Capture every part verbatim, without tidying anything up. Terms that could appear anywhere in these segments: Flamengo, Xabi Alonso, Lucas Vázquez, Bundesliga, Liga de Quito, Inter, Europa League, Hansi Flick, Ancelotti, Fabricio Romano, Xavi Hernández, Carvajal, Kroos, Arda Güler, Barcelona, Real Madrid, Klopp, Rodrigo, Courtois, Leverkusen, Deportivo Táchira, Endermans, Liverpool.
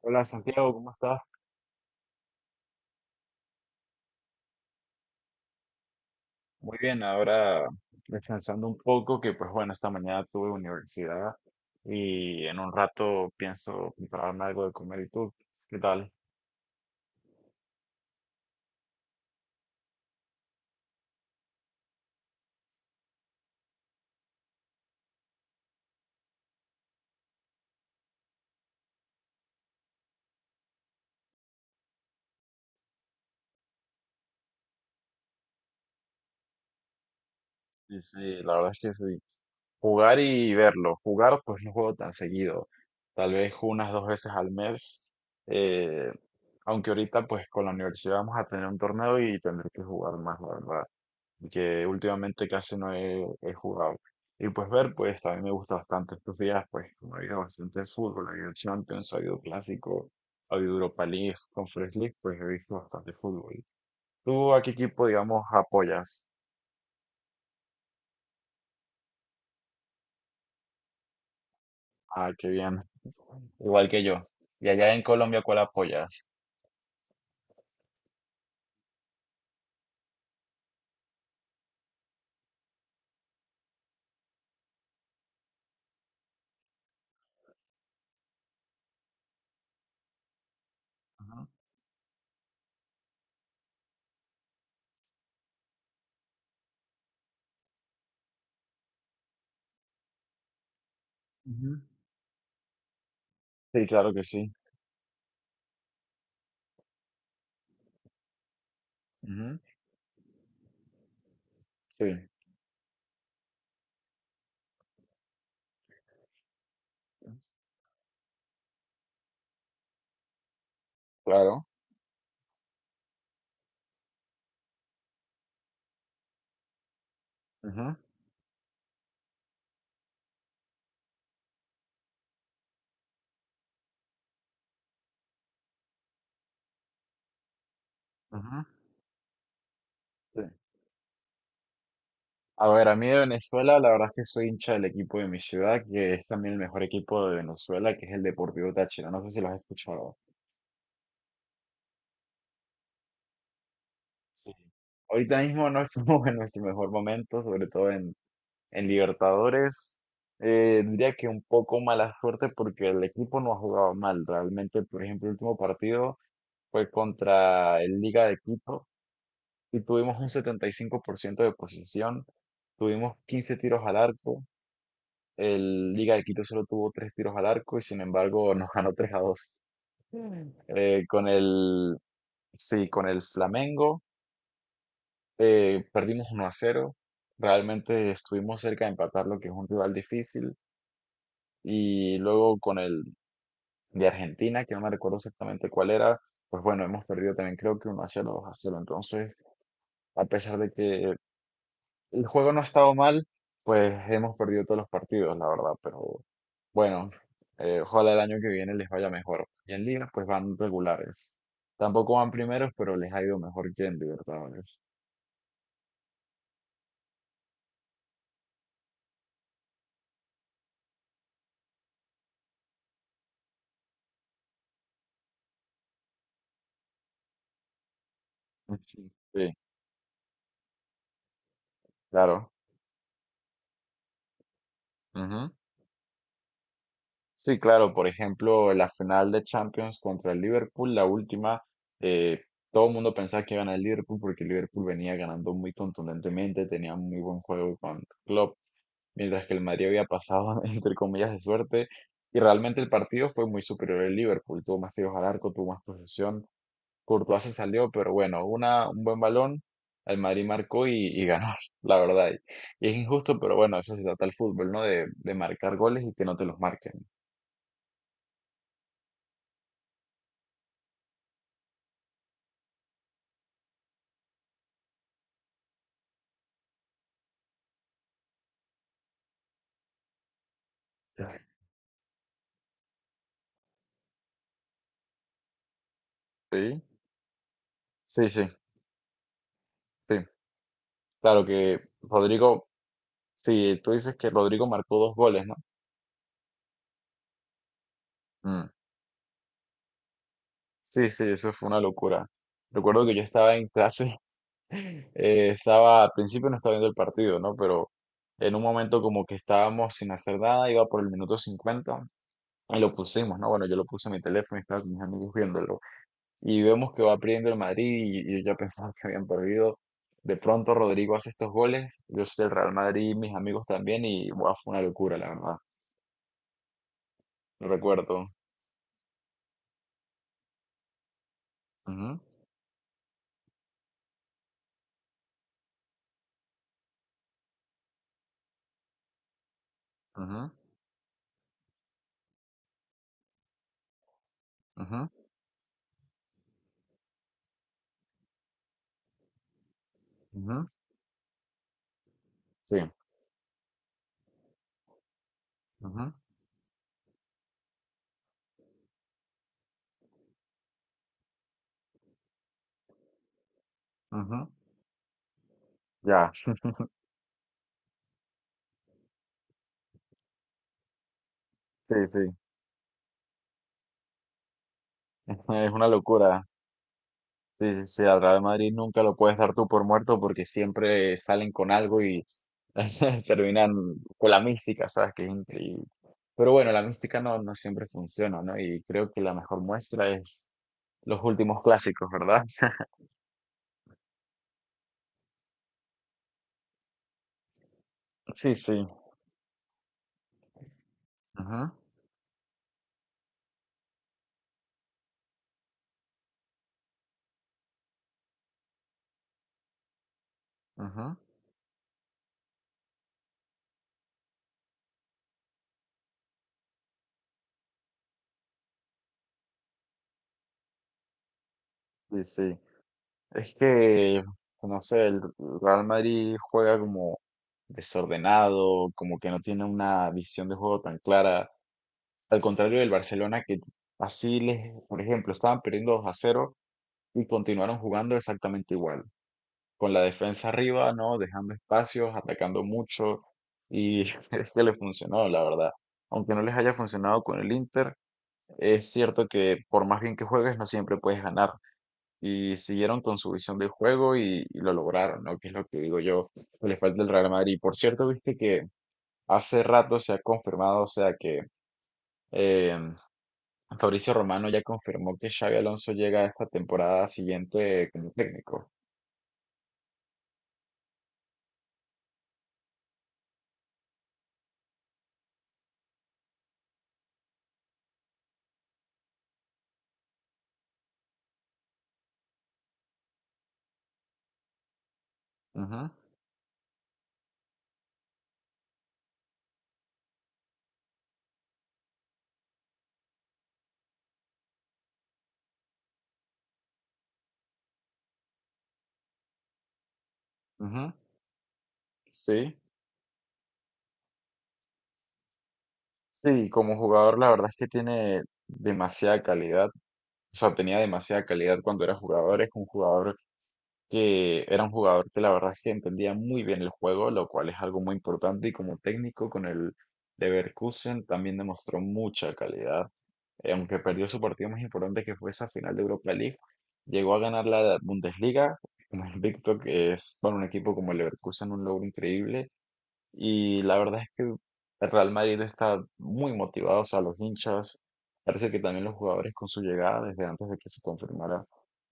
Hola Santiago, ¿cómo estás? Muy bien, ahora descansando un poco, que pues bueno, esta mañana tuve universidad y en un rato pienso prepararme algo de comer. ¿Y tú? ¿Qué tal? Sí, sí, la verdad es que sí. Jugar y verlo. Jugar, pues no juego tan seguido. Tal vez unas dos veces al mes. eh, Aunque ahorita, pues con la universidad vamos a tener un torneo y tendré que jugar más, la verdad. Que últimamente casi no he, he jugado. Y pues ver, pues también me gusta bastante estos días, pues como ha habido bastante fútbol, ha habido Champions, ha habido Clásico, ha habido Europa League, Conference League, pues he visto bastante fútbol. ¿Tú a qué equipo, digamos, apoyas? Ah, qué bien. Igual que yo. ¿Y allá en Colombia cuál apoyas? Ujú, ujú. Sí, claro que sí. Ujú. Sí, claro. Ujú, ujú, sí. A ver, a mí de Venezuela, la verdad es que soy hincha del equipo de mi ciudad, que es también el mejor equipo de Venezuela, que es el Deportivo Táchira. No sé si lo has escuchado. Sí. Ahorita mismo no estamos en nuestro mejor momento, sobre todo en En Libertadores. Eh, diría que un poco mala suerte porque el equipo no ha jugado mal. Realmente, por ejemplo, el último partido fue contra el Liga de Quito y tuvimos un setenta y cinco por ciento de posesión. Tuvimos quince tiros al arco. El Liga de Quito solo tuvo tres tiros al arco y sin embargo nos ganó tres a dos. Eh, con el, sí, con el Flamengo eh, perdimos uno a cero. Realmente estuvimos cerca de empatar lo que es un rival difícil. Y luego con el de Argentina, que no me recuerdo exactamente cuál era, pues bueno, hemos perdido también creo que uno a cero, dos a cero. Entonces, a pesar de que el juego no ha estado mal, pues hemos perdido todos los partidos, la verdad. Pero bueno, eh, ojalá el año que viene les vaya mejor. Y en Liga, pues van regulares. Tampoco van primeros, pero les ha ido mejor que en Libertadores. Ujú. Sí, claro. Ujú. Sí, claro, por ejemplo, la final de Champions contra el Liverpool, la última. eh, Todo el mundo pensaba que iba a ganar el Liverpool porque el Liverpool venía ganando muy contundentemente, tenía muy buen juego con Klopp, mientras que el Madrid había pasado, entre comillas, de suerte, y realmente el partido fue muy superior al Liverpool, tuvo más tiros al arco, tuvo más posesión, Courtois se salió, pero bueno, una, un buen balón, el Madrid marcó y, y ganó, la verdad, y es injusto, pero bueno, eso se trata el fútbol, ¿no? De, de marcar goles y que no te los marquen. Sí, sí, sí, sí. Claro que Rodrigo, sí, tú dices que Rodrigo marcó dos goles, ¿no? Mm. Sí, sí, eso fue una locura. Recuerdo que yo estaba en clase, eh, estaba, al principio no estaba viendo el partido, ¿no? Pero en un momento como que estábamos sin hacer nada, iba por el minuto cincuenta y lo pusimos, ¿no? Bueno, yo lo puse en mi teléfono y estaba con mis amigos viéndolo. Y vemos que va perdiendo el Madrid y, y yo ya pensaba que habían perdido. De pronto Rodrigo hace estos goles, yo soy del Real Madrid, mis amigos también y wow, fue una locura, la verdad. Lo recuerdo. Ujú, ujú, ujú, ujú. Sí. Ujú, ujú. Ya, sí, sí. Es una locura. Sí, sí, sí, al Real Madrid nunca lo puedes dar tú por muerto porque siempre salen con algo y terminan con la mística, ¿sabes? Que es increíble. Pero bueno, la mística no, no siempre funciona, ¿no? Y creo que la mejor muestra es los últimos clásicos, ¿verdad? Sí, sí. Ajá, ajá. Sí, sí. Es que, no sé, el Real Madrid juega como desordenado, como que no tiene una visión de juego tan clara. Al contrario del Barcelona, que así les, por ejemplo, estaban perdiendo dos a cero y continuaron jugando exactamente igual, con la defensa arriba, ¿no? Dejando espacios, atacando mucho y es que les funcionó, la verdad. Aunque no les haya funcionado con el Inter, es cierto que por más bien que juegues, no siempre puedes ganar. Y siguieron con su visión del juego y, y lo lograron, ¿no? Que es lo que digo yo, que le falta el Real Madrid. Por cierto, viste que hace rato se ha confirmado, o sea, que em, Fabricio Romano ya confirmó que Xabi Alonso llega esta temporada siguiente como técnico. Ujú, ujú. Sí, sí, como jugador la verdad es que tiene demasiada calidad, o sea, tenía demasiada calidad cuando era jugador, es un jugador que era un jugador que la verdad es que entendía muy bien el juego, lo cual es algo muy importante y como técnico con el Leverkusen también demostró mucha calidad. Eh, aunque perdió su partido más importante que fue esa final de Europa League, llegó a ganar la Bundesliga, como invicto, que es para un equipo como el Leverkusen un logro increíble, y la verdad es que el Real Madrid está muy motivado, o sea, los hinchas, parece que también los jugadores con su llegada desde antes de que se confirmara,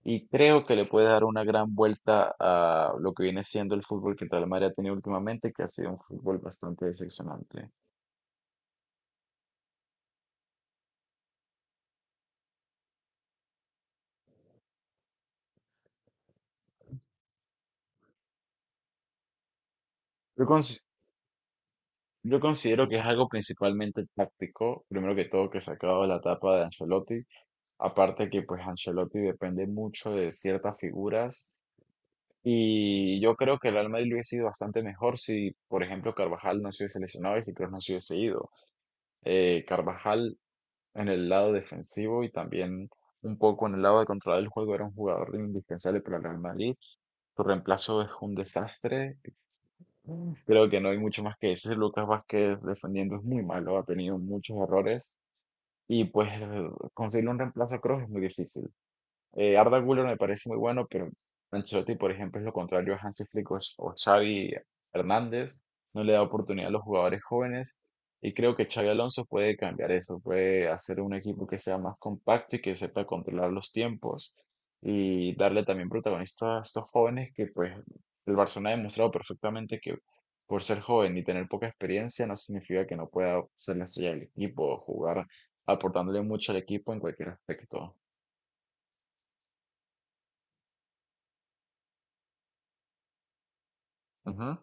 y creo que le puede dar una gran vuelta a lo que viene siendo el fútbol que el Real Madrid ha tenido últimamente, que ha sido un fútbol bastante decepcionante. Yo, cons- Yo considero que es algo principalmente táctico, primero que todo que se ha acabado la etapa de Ancelotti, aparte que pues Ancelotti depende mucho de ciertas figuras y yo creo que el Real Madrid hubiese sido bastante mejor si, por ejemplo, Carvajal no se hubiese lesionado y si Kroos no se hubiese ido. Eh, Carvajal en el lado defensivo y también un poco en el lado de controlar el juego era un jugador indispensable para el Real Madrid. Su reemplazo es un desastre. Creo que no hay mucho más que decir. Lucas Vázquez defendiendo es muy malo, ha tenido muchos errores y pues conseguir un reemplazo creo que es muy difícil. Eh, Arda Güler me parece muy bueno, pero Ancelotti, por ejemplo, es lo contrario a Hansi Flick o, o Xavi Hernández. No le da oportunidad a los jugadores jóvenes. Y creo que Xavi Alonso puede cambiar eso, puede hacer un equipo que sea más compacto y que sepa controlar los tiempos y darle también protagonista a estos jóvenes que pues el Barcelona ha demostrado perfectamente que por ser joven y tener poca experiencia no significa que no pueda ser la estrella del equipo o jugar aportándole mucho al equipo en cualquier aspecto. Ujú.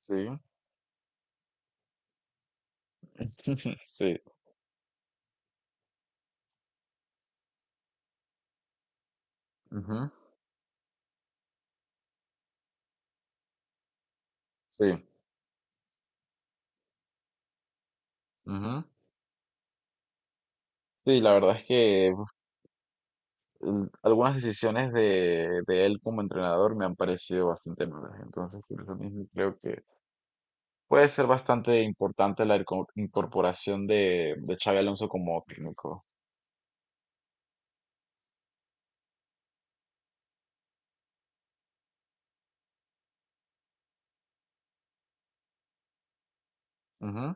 Sí, sí, ujú, sí, ujú. Sí, la verdad es que uf, el- algunas decisiones de, de él como entrenador me han parecido bastante malas. Entonces, por eso mismo creo que puede ser bastante importante la inco- incorporación de, de Xabi Alonso como técnico. Ujú.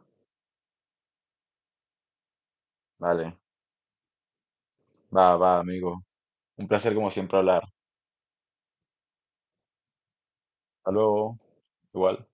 Vale, va, va, amigo. Un placer como siempre hablar. Hasta luego. Igual.